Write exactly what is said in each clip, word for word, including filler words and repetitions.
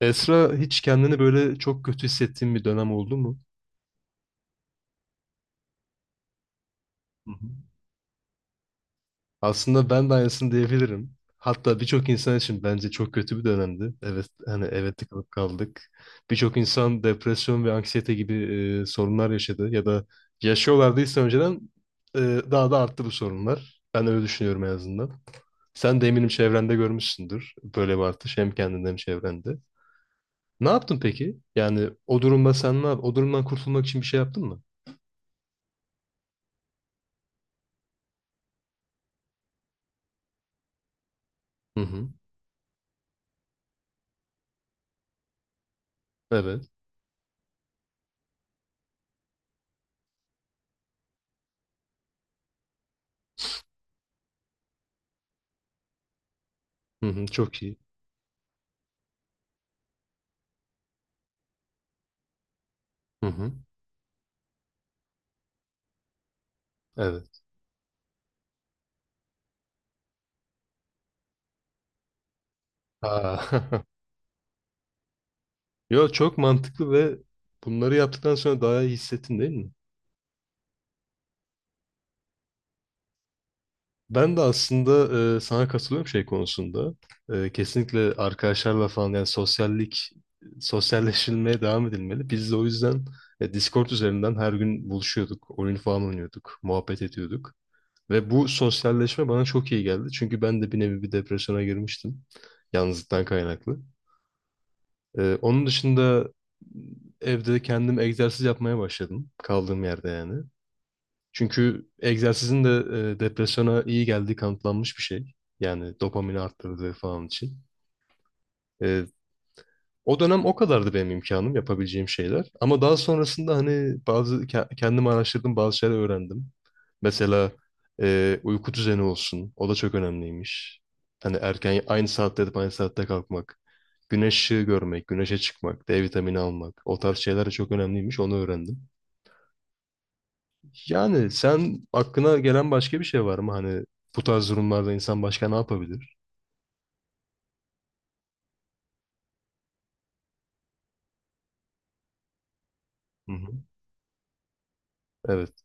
Esra hiç kendini böyle çok kötü hissettiğin bir dönem oldu mu? Hı hı. Aslında ben de aynısını diyebilirim. Hatta birçok insan için bence çok kötü bir dönemdi. Evet, hani evet tıkanıp kaldık. Birçok insan depresyon ve anksiyete gibi e, sorunlar yaşadı ya da yaşıyorlardıysa önceden e, daha da arttı bu sorunlar. Ben öyle düşünüyorum en azından. Sen de eminim çevrende görmüşsündür böyle bir artış hem kendinde hem çevrende. Ne yaptın peki? Yani o durumda sen ne yap? O durumdan kurtulmak için bir şey yaptın mı? Hı hı. Evet. Hı hı, çok iyi. Hı hı, evet. Aa, yo, çok mantıklı ve bunları yaptıktan sonra daha iyi hissettin değil mi? Ben de aslında e, sana katılıyorum şey konusunda. E, kesinlikle arkadaşlarla falan, yani sosyallik, sosyalleşilmeye devam edilmeli. Biz de o yüzden e, Discord üzerinden her gün buluşuyorduk, oyun falan oynuyorduk, muhabbet ediyorduk. Ve bu sosyalleşme bana çok iyi geldi. Çünkü ben de bir nevi bir depresyona girmiştim. Yalnızlıktan kaynaklı. Ee, onun dışında evde kendim egzersiz yapmaya başladım, kaldığım yerde yani. Çünkü egzersizin de e, depresyona iyi geldiği kanıtlanmış bir şey. Yani dopamini arttırdığı falan için. E, O dönem o kadardı benim imkanım, yapabileceğim şeyler. Ama daha sonrasında hani bazı ke- kendim araştırdım, bazı şeyler öğrendim. Mesela e, uyku düzeni olsun. O da çok önemliymiş. Hani erken, aynı saatte yatıp aynı saatte kalkmak. Güneş ışığı görmek, güneşe çıkmak, D vitamini almak. O tarz şeyler de çok önemliymiş. Onu öğrendim. Yani sen, aklına gelen başka bir şey var mı? Hani bu tarz durumlarda insan başka ne yapabilir? Hı hı. Evet.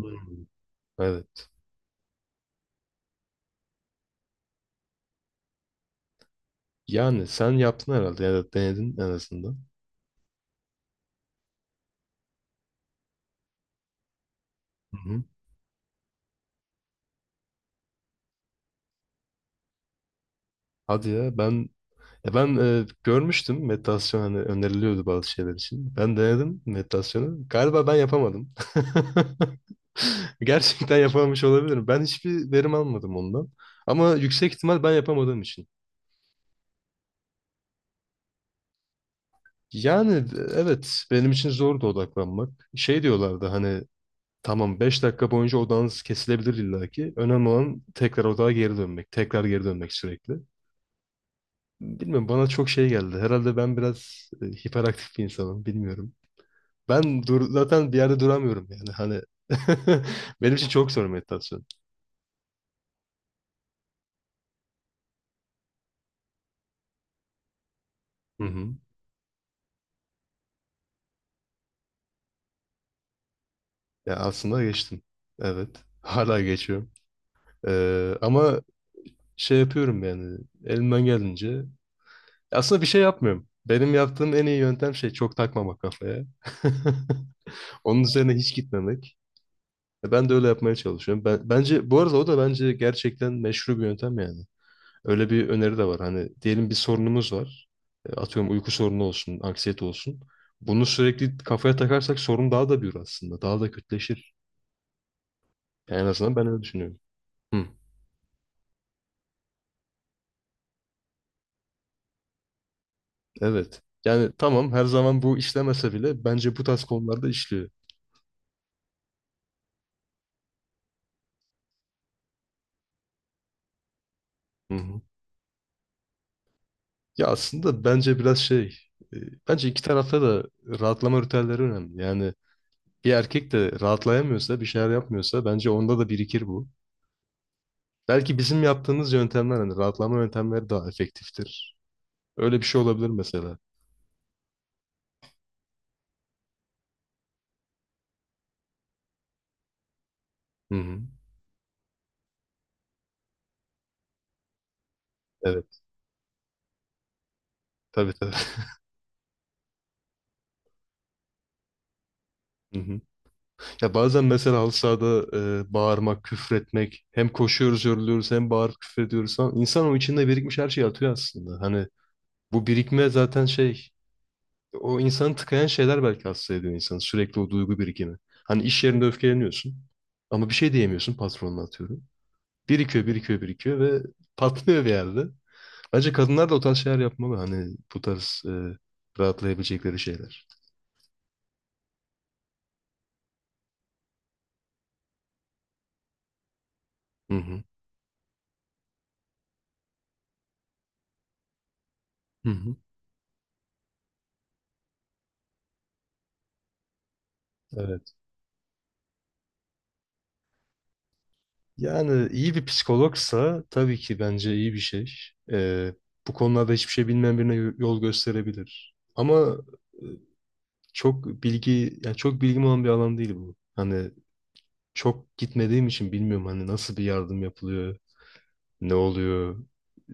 Hı hı. Evet. Yani sen yaptın herhalde ya da denedin en azından. Hı hı. Hadi ya, ben ya ben e, görmüştüm meditasyon, hani öneriliyordu bazı şeyler için. Ben denedim meditasyonu. Galiba ben yapamadım. Gerçekten yapamamış olabilirim. Ben hiçbir verim almadım ondan. Ama yüksek ihtimal ben yapamadığım için. Yani e, evet, benim için zordu odaklanmak. Şey diyorlardı, hani tamam, beş dakika boyunca odağınız kesilebilir illaki. Önemli olan tekrar odağa geri dönmek. Tekrar geri dönmek sürekli. Bilmiyorum, bana çok şey geldi. Herhalde ben biraz e, hiperaktif bir insanım. Bilmiyorum. Ben dur zaten, bir yerde duramıyorum yani. Hani benim için çok zor meditasyon. Hı hı. Ya aslında geçtim. Evet. Hala geçiyorum. Ee, ama şey yapıyorum yani elimden geldiğince. Aslında bir şey yapmıyorum. Benim yaptığım en iyi yöntem şey, çok takmamak kafaya. Onun üzerine hiç gitmemek. E, Ben de öyle yapmaya çalışıyorum. Ben, bence bu arada o da bence gerçekten meşru bir yöntem yani. Öyle bir öneri de var. Hani diyelim bir sorunumuz var. E, Atıyorum, uyku sorunu olsun, anksiyete olsun. Bunu sürekli kafaya takarsak sorun daha da büyür aslında. Daha da kötüleşir. Yani en azından ben öyle düşünüyorum. Hı, evet. Yani tamam, her zaman bu işlemese bile bence bu tarz konularda işliyor. Hı hı. Ya aslında bence biraz şey, e, bence iki tarafta da rahatlama ritüelleri önemli. Yani bir erkek de rahatlayamıyorsa, bir şeyler yapmıyorsa bence onda da birikir bu. Belki bizim yaptığımız yöntemler, hani rahatlama yöntemleri daha efektiftir. Öyle bir şey olabilir mesela. Hı hı. Evet. Tabii, tabii. Hı hı. Ya bazen mesela halı sahada e, bağırmak, küfretmek, hem koşuyoruz, yoruluyoruz, hem bağırıp küfrediyoruz falan. İnsan o içinde birikmiş her şeyi atıyor aslında. Hani bu birikme zaten şey, o insanı tıkayan şeyler belki hasta ediyor insanı. Sürekli o duygu birikimi. Hani iş yerinde öfkeleniyorsun ama bir şey diyemiyorsun patronuna, atıyorum. Birikiyor, birikiyor, birikiyor ve patlıyor bir yerde. Bence kadınlar da o tarz şeyler yapmalı. Hani bu tarz e, rahatlayabilecekleri şeyler. Hı hı. Hı hı. Evet. Yani iyi bir psikologsa tabii ki bence iyi bir şey. Ee, Bu konularda hiçbir şey bilmeyen birine yo- yol gösterebilir. Ama e, çok bilgi, yani çok bilgim olan bir alan değil bu. Hani çok gitmediğim için bilmiyorum hani nasıl bir yardım yapılıyor, ne oluyor.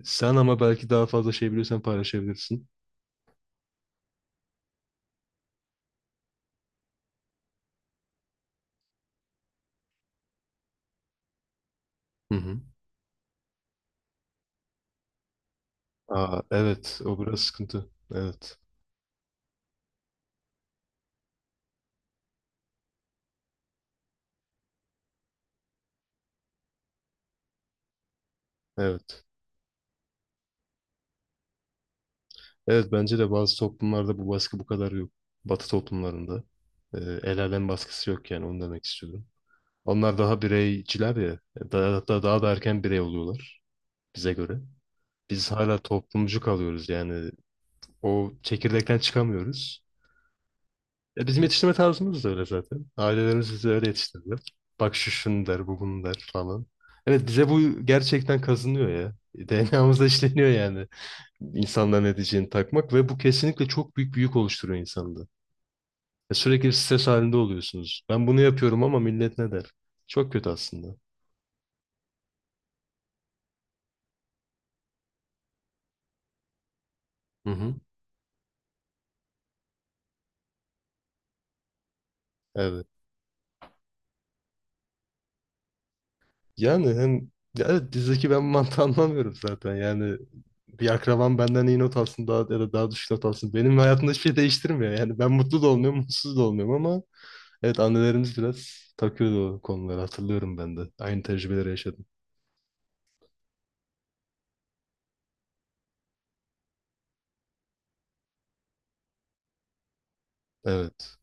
Sen ama belki daha fazla şey biliyorsan paylaşabilirsin. Hı hı. Aa, evet, o biraz sıkıntı. Evet, evet. Evet, bence de bazı toplumlarda bu baskı bu kadar yok. Batı toplumlarında. Ee, El alem baskısı yok yani, onu demek istiyorum. Onlar daha bireyciler ya. Daha, hatta daha da erken birey oluyorlar bize göre. Biz hala toplumcu kalıyoruz yani. O çekirdekten çıkamıyoruz. E, bizim yetiştirme tarzımız da öyle zaten. Ailelerimiz bizi öyle yetiştirdiler. Bak, şu şunu der, bu bunu der falan. Evet, bize bu gerçekten kazınıyor ya. D N A'mızda işleniyor yani. İnsanların ne diyeceğini takmak ve bu kesinlikle çok büyük bir yük oluşturuyor insanda. E, Sürekli stres halinde oluyorsunuz. Ben bunu yapıyorum ama millet ne der? Çok kötü aslında. Hı hı. Evet. Yani hem, ya evet, dizideki ben mantığı anlamıyorum zaten. Yani bir akrabam benden iyi not alsın daha, ya da daha düşük not alsın. Benim hayatımda hiçbir şey değiştirmiyor. Yani ben mutlu da olmuyorum, mutsuz da olmuyorum ama evet, annelerimiz biraz takıyordu o konuları, hatırlıyorum ben de. Aynı tecrübeleri yaşadım. Evet.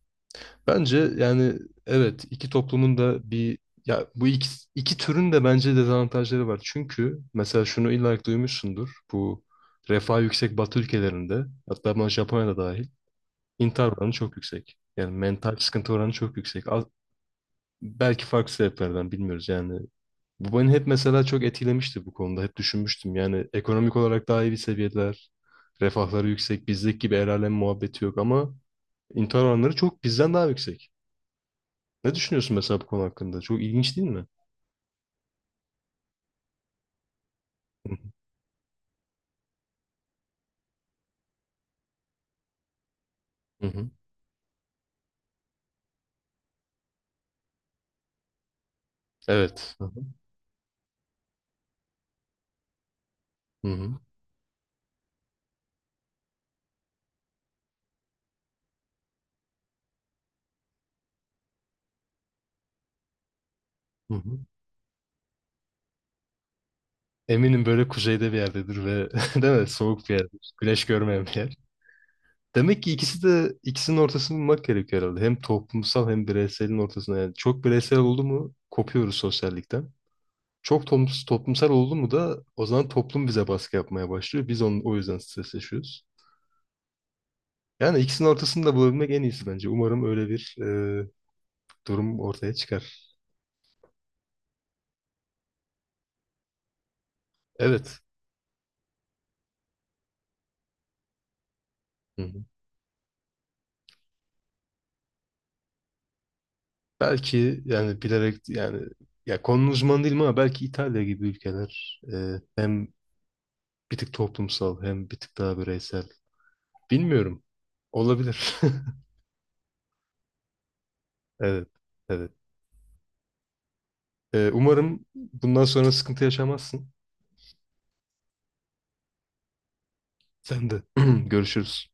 Bence yani evet, iki toplumun da bir, ya bu iki, iki türün de bence dezavantajları var. Çünkü mesela şunu illa ki duymuşsundur. Bu refah yüksek Batı ülkelerinde, hatta buna Japonya'da dahil, intihar oranı çok yüksek. Yani mental sıkıntı oranı çok yüksek. Az- belki farklı sebeplerden, bilmiyoruz yani. Bu beni hep mesela çok etkilemişti bu konuda. Hep düşünmüştüm. Yani ekonomik olarak daha iyi bir seviyeler, refahları yüksek, bizdeki gibi el alem muhabbeti yok ama intihar oranları çok bizden daha yüksek. Ne düşünüyorsun mesela bu konu hakkında? Çok ilginç değil mi? Hı hı. Hı hı. Evet. Hı hı. Hı hı. Hı hı. Eminim böyle kuzeyde bir yerdedir ve değil mi? Soğuk bir yerdir. Güneş görmeyen bir yer. Demek ki ikisi de, ikisinin ortasını bulmak gerekiyor herhalde. Hem toplumsal hem bireyselin ortasına. Yani çok bireysel oldu mu kopuyoruz sosyallikten. Çok tom- toplumsal oldu mu da o zaman toplum bize baskı yapmaya başlıyor. Biz onun, o yüzden stres yaşıyoruz. Yani ikisinin ortasını da bulabilmek en iyisi bence. Umarım öyle bir e, durum ortaya çıkar. Evet. Hı. Belki yani bilerek yani, ya konunun uzmanı değilim ama belki İtalya gibi ülkeler e, hem bir tık toplumsal hem bir tık daha bireysel. Bilmiyorum. Olabilir. Evet. Evet. E, umarım bundan sonra sıkıntı yaşamazsın. Sen de. Görüşürüz.